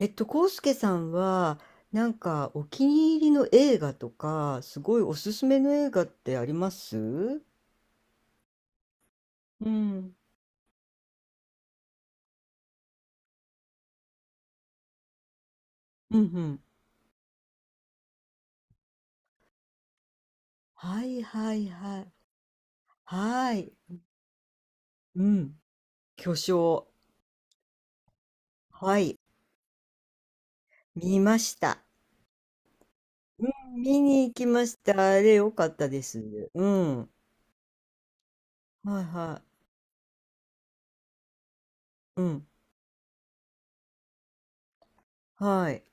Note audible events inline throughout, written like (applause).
康介さんは、なんかお気に入りの映画とか、すごいおすすめの映画ってあります。うんうん。うん。はいはいはい。はい。うん。巨匠。はい。見ました。うん、見に行きました。あれ、良かったです。うん。はいはい。うん。はい。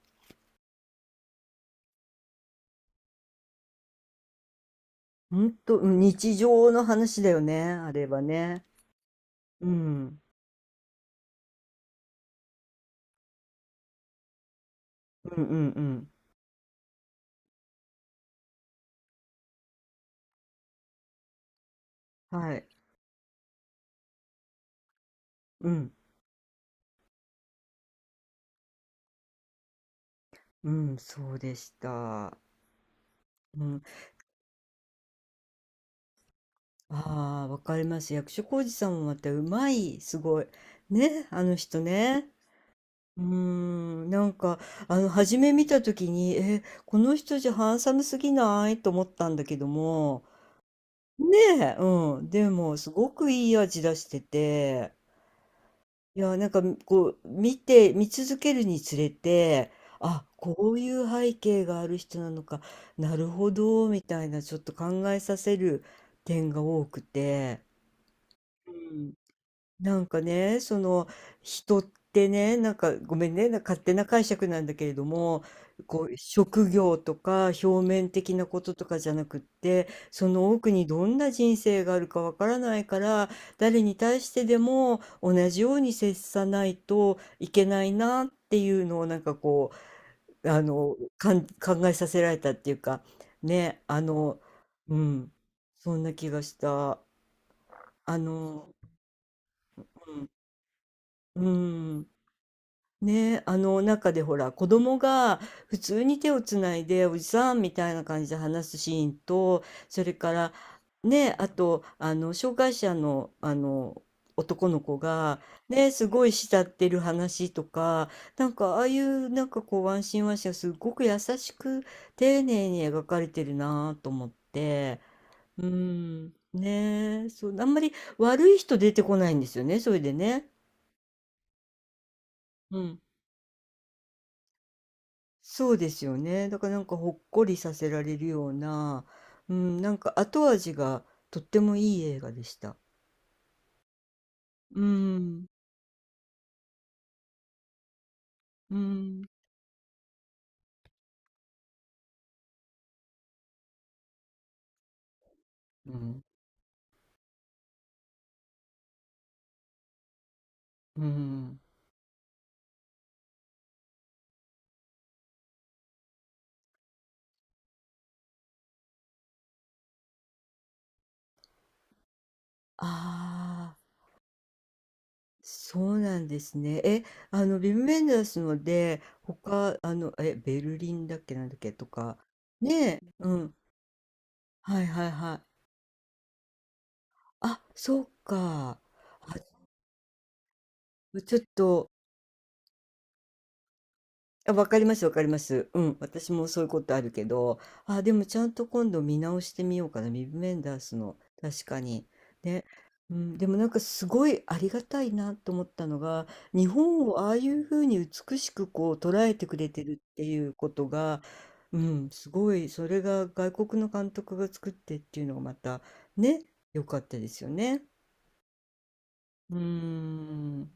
ほんと、うん、日常の話だよね。あれはね。うん。うんうんうん。はい。うん。うん、そうでした。うん、ああ、わかります。役所広司さんもまたうまい、すごい。ね、あの人ね。うーん、なんか、初め見たときに、え、この人じゃハンサムすぎないと思ったんだけども、ねえ、うん、でも、すごくいい味出してて、いや、なんか、こう、見て、見続けるにつれて、あ、こういう背景がある人なのか、なるほど、みたいな、ちょっと考えさせる点が多くて、うん、なんかね、その人ってね、なんかごめんね、なんか勝手な解釈なんだけれども、こう職業とか表面的なこととかじゃなくって、その奥にどんな人生があるかわからないから、誰に対してでも同じように接さないといけないなっていうのをなんかこう、考えさせられたっていうか、ね、うん、そんな気がした。あの、うん、うん。ねえ、あの中でほら子供が普通に手をつないでおじさんみたいな感じで話すシーンとそれから、ねえ、あと、あの障害者の、あの男の子がねえ、すごい慕ってる話とか、なんかああいうなんかこうワンシーンワンシーンがすごく優しく丁寧に描かれてるなと思って、うん、ねえ、そうあんまり悪い人出てこないんですよね、それでね。うん、そうですよね。だからなんかほっこりさせられるような、うん、なんか後味がとってもいい映画でした。うーん、うーん、うん、うーん。ああ、そうなんですね。え、ビム・ベンダースので、他、え、ベルリンだっけなんだっけとか、ねえ、うん、はいはいはい。あ、そうか。あ、ちょっと、あ、わかります、わかります。うん、私もそういうことあるけど、あ、でもちゃんと今度見直してみようかな、ビブメンダースの、確かに。ね。うん、でもなんかすごいありがたいなと思ったのが、日本をああいうふうに美しくこう捉えてくれてるっていうことが、うん、すごい、それが外国の監督が作ってっていうのがまた、ね、良かったですよね。うーん。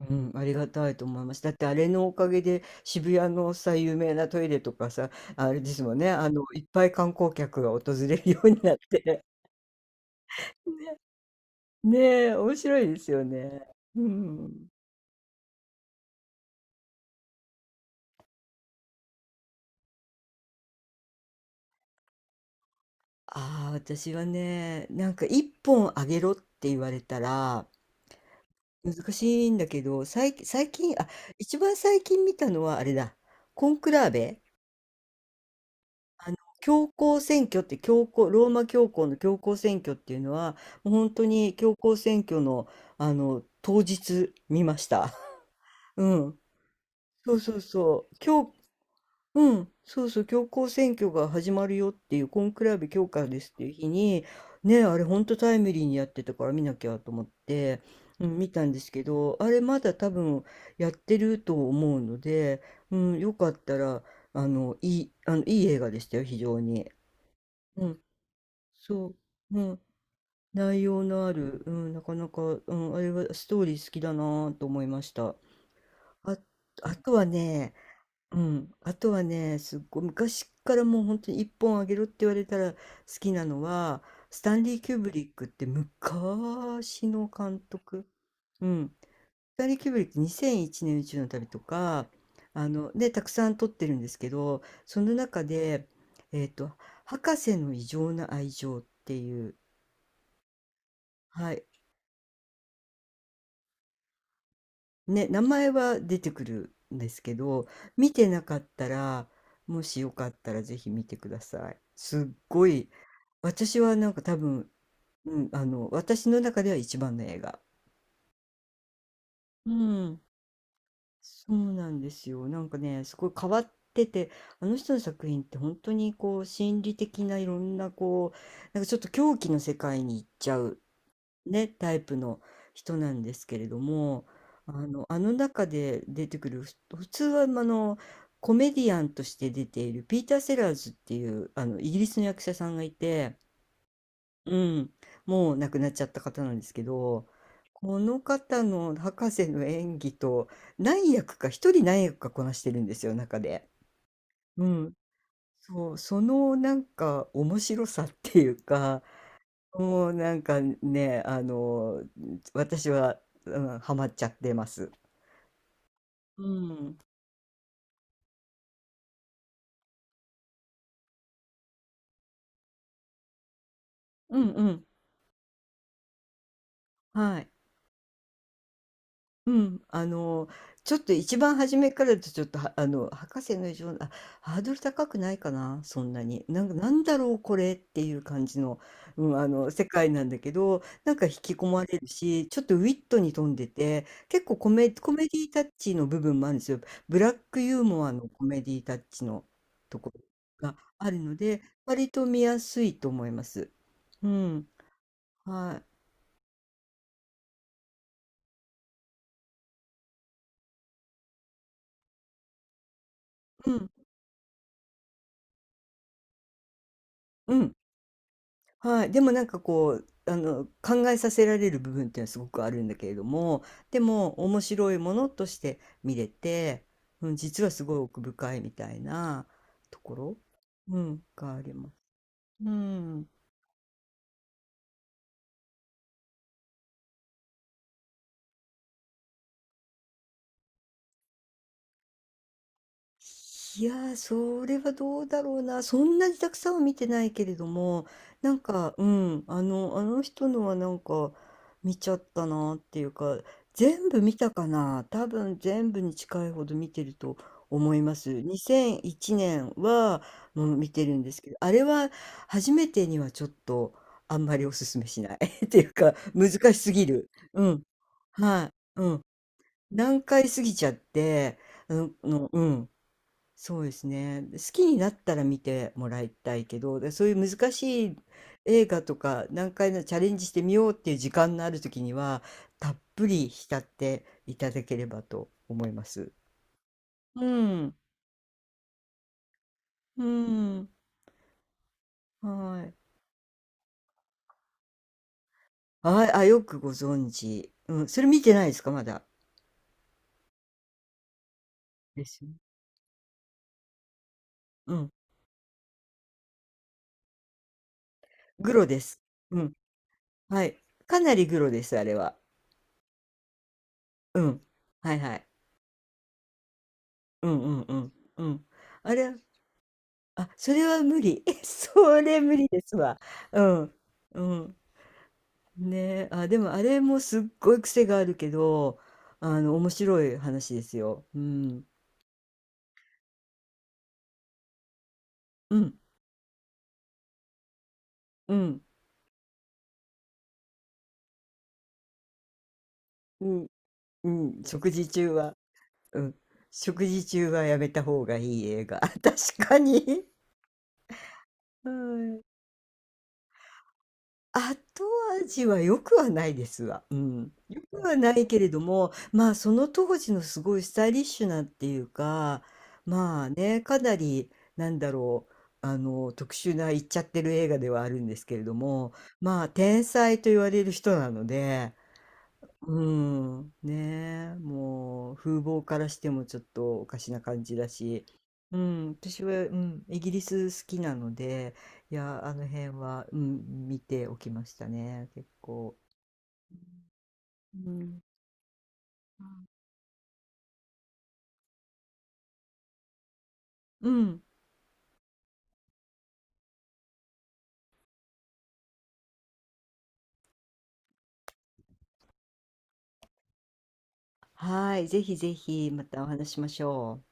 うん、ありがたいと思います。だってあれのおかげで渋谷のさ、有名なトイレとかさ、あれですもんね、いっぱい観光客が訪れるようになって。(laughs) ねえ、面白いですよね。うん。ああ、私はね、なんか一本あげろって言われたら難しいんだけど、最近、あ、一番最近見たのはあれだ、コンクラーベ、あの教皇選挙って教皇ローマ教皇の教皇選挙っていうのはもう本当に教皇選挙の、あの当日見ました。(laughs) うん、そうそうそう、うん、そうそう教皇選挙が始まるよっていうコンクラベ教化ですっていう日にね、あれ本当タイムリーにやってたから見なきゃと思って、うん、見たんですけどあれまだ多分やってると思うので、うん、よかったら、あのいい映画でしたよ非常に。うん、そう、うん、内容のある、うん、なかなか、うん、あれはストーリー好きだなと思いました。あ、あとはね、うん、あとはね、すっごい昔からもう本当に一本あげろって言われたら好きなのは、スタンリー・キューブリックって昔の監督。うん、スタンリー・キューブリック2001年宇宙の旅とか、で、たくさん撮ってるんですけど、その中で、えっと、博士の異常な愛情っていう、はい、ね、名前は出てくるんですけど、見てなかったら、もしよかったらぜひ見てください。すっごい、私はなんか多分、うん、私の中では一番の映画。うん、そうなんですよ。なんかね、すごい変わってて、あの人の作品って本当にこう、心理的ないろんなこう、なんかちょっと狂気の世界に行っちゃうね、タイプの人なんですけれども、あの中で出てくる、普通はま、あのコメディアンとして出ているピーター・セラーズっていうあのイギリスの役者さんがいて、うん、もう亡くなっちゃった方なんですけど、この方の博士の演技と、何役か、一人何役かこなしてるんですよ中で。うん、そう、そのなんか面白さっていうか、もうなんかね、私は、うん、ハマっちゃってます。うん。うんうん。はい。うん、ちょっと一番初めからだとちょっと、はあの、博士の異常な、あ、ハードル高くないかな、そんなに。なんか、なんだろう、これっていう感じの、うん、世界なんだけど、なんか引き込まれるし、ちょっとウィットに富んでて、結構コメディタッチの部分もあるんですよ。ブラックユーモアのコメディタッチのところがあるので、割と見やすいと思います。うん、はい。うん、うん。はい、でもなんかこう、考えさせられる部分っていうのはすごくあるんだけれども、でも面白いものとして見れて、うん、実はすごい奥深いみたいなところ、うん、があります。うん。いやー、それはどうだろうな。そんなにたくさんは見てないけれども、なんか、うん、あの人のはなんか見ちゃったなっていうか、全部見たかな。多分全部に近いほど見てると思います。2001年はもう見てるんですけど、あれは初めてにはちょっとあんまりおすすめしない (laughs) っていうか、難しすぎる。うん。はい。うん。難解すぎちゃって、あうん。そうですね。で、好きになったら見てもらいたいけど、で、そういう難しい映画とか、何回もチャレンジしてみようっていう時間のある時には、たっぷり浸っていただければと思います。うん。うん。はい。ああ、よくご存知。うん。それ見てないですか、まだ。ですよね。うん。グロです。うん。はい。かなりグロです、あれは。うん。はいはい。うんうんうん。うん。あれ、あ、それは無理。(laughs) それ無理ですわ。うん。うん。ねえ、あ、でもあれもすっごい癖があるけど、面白い話ですよ。うん。うん。うん。うん。うん。食事中は、うん。食事中はやめた方がいい映画。(laughs) 確かに。(laughs) はい。後味は良くはないですわ。うん。良くはないけれども、まあ、その当時のすごいスタイリッシュなっていうか、まあね、かなり、なんだろう、特殊な言っちゃってる映画ではあるんですけれども、まあ、天才と言われる人なので、うん、ねえ、もう風貌からしてもちょっとおかしな感じだし、うん、私は、うん、イギリス好きなので、いや、あの辺は、うん、見ておきましたね、結構。うん、うん、はい、ぜひぜひまたお話ししましょう。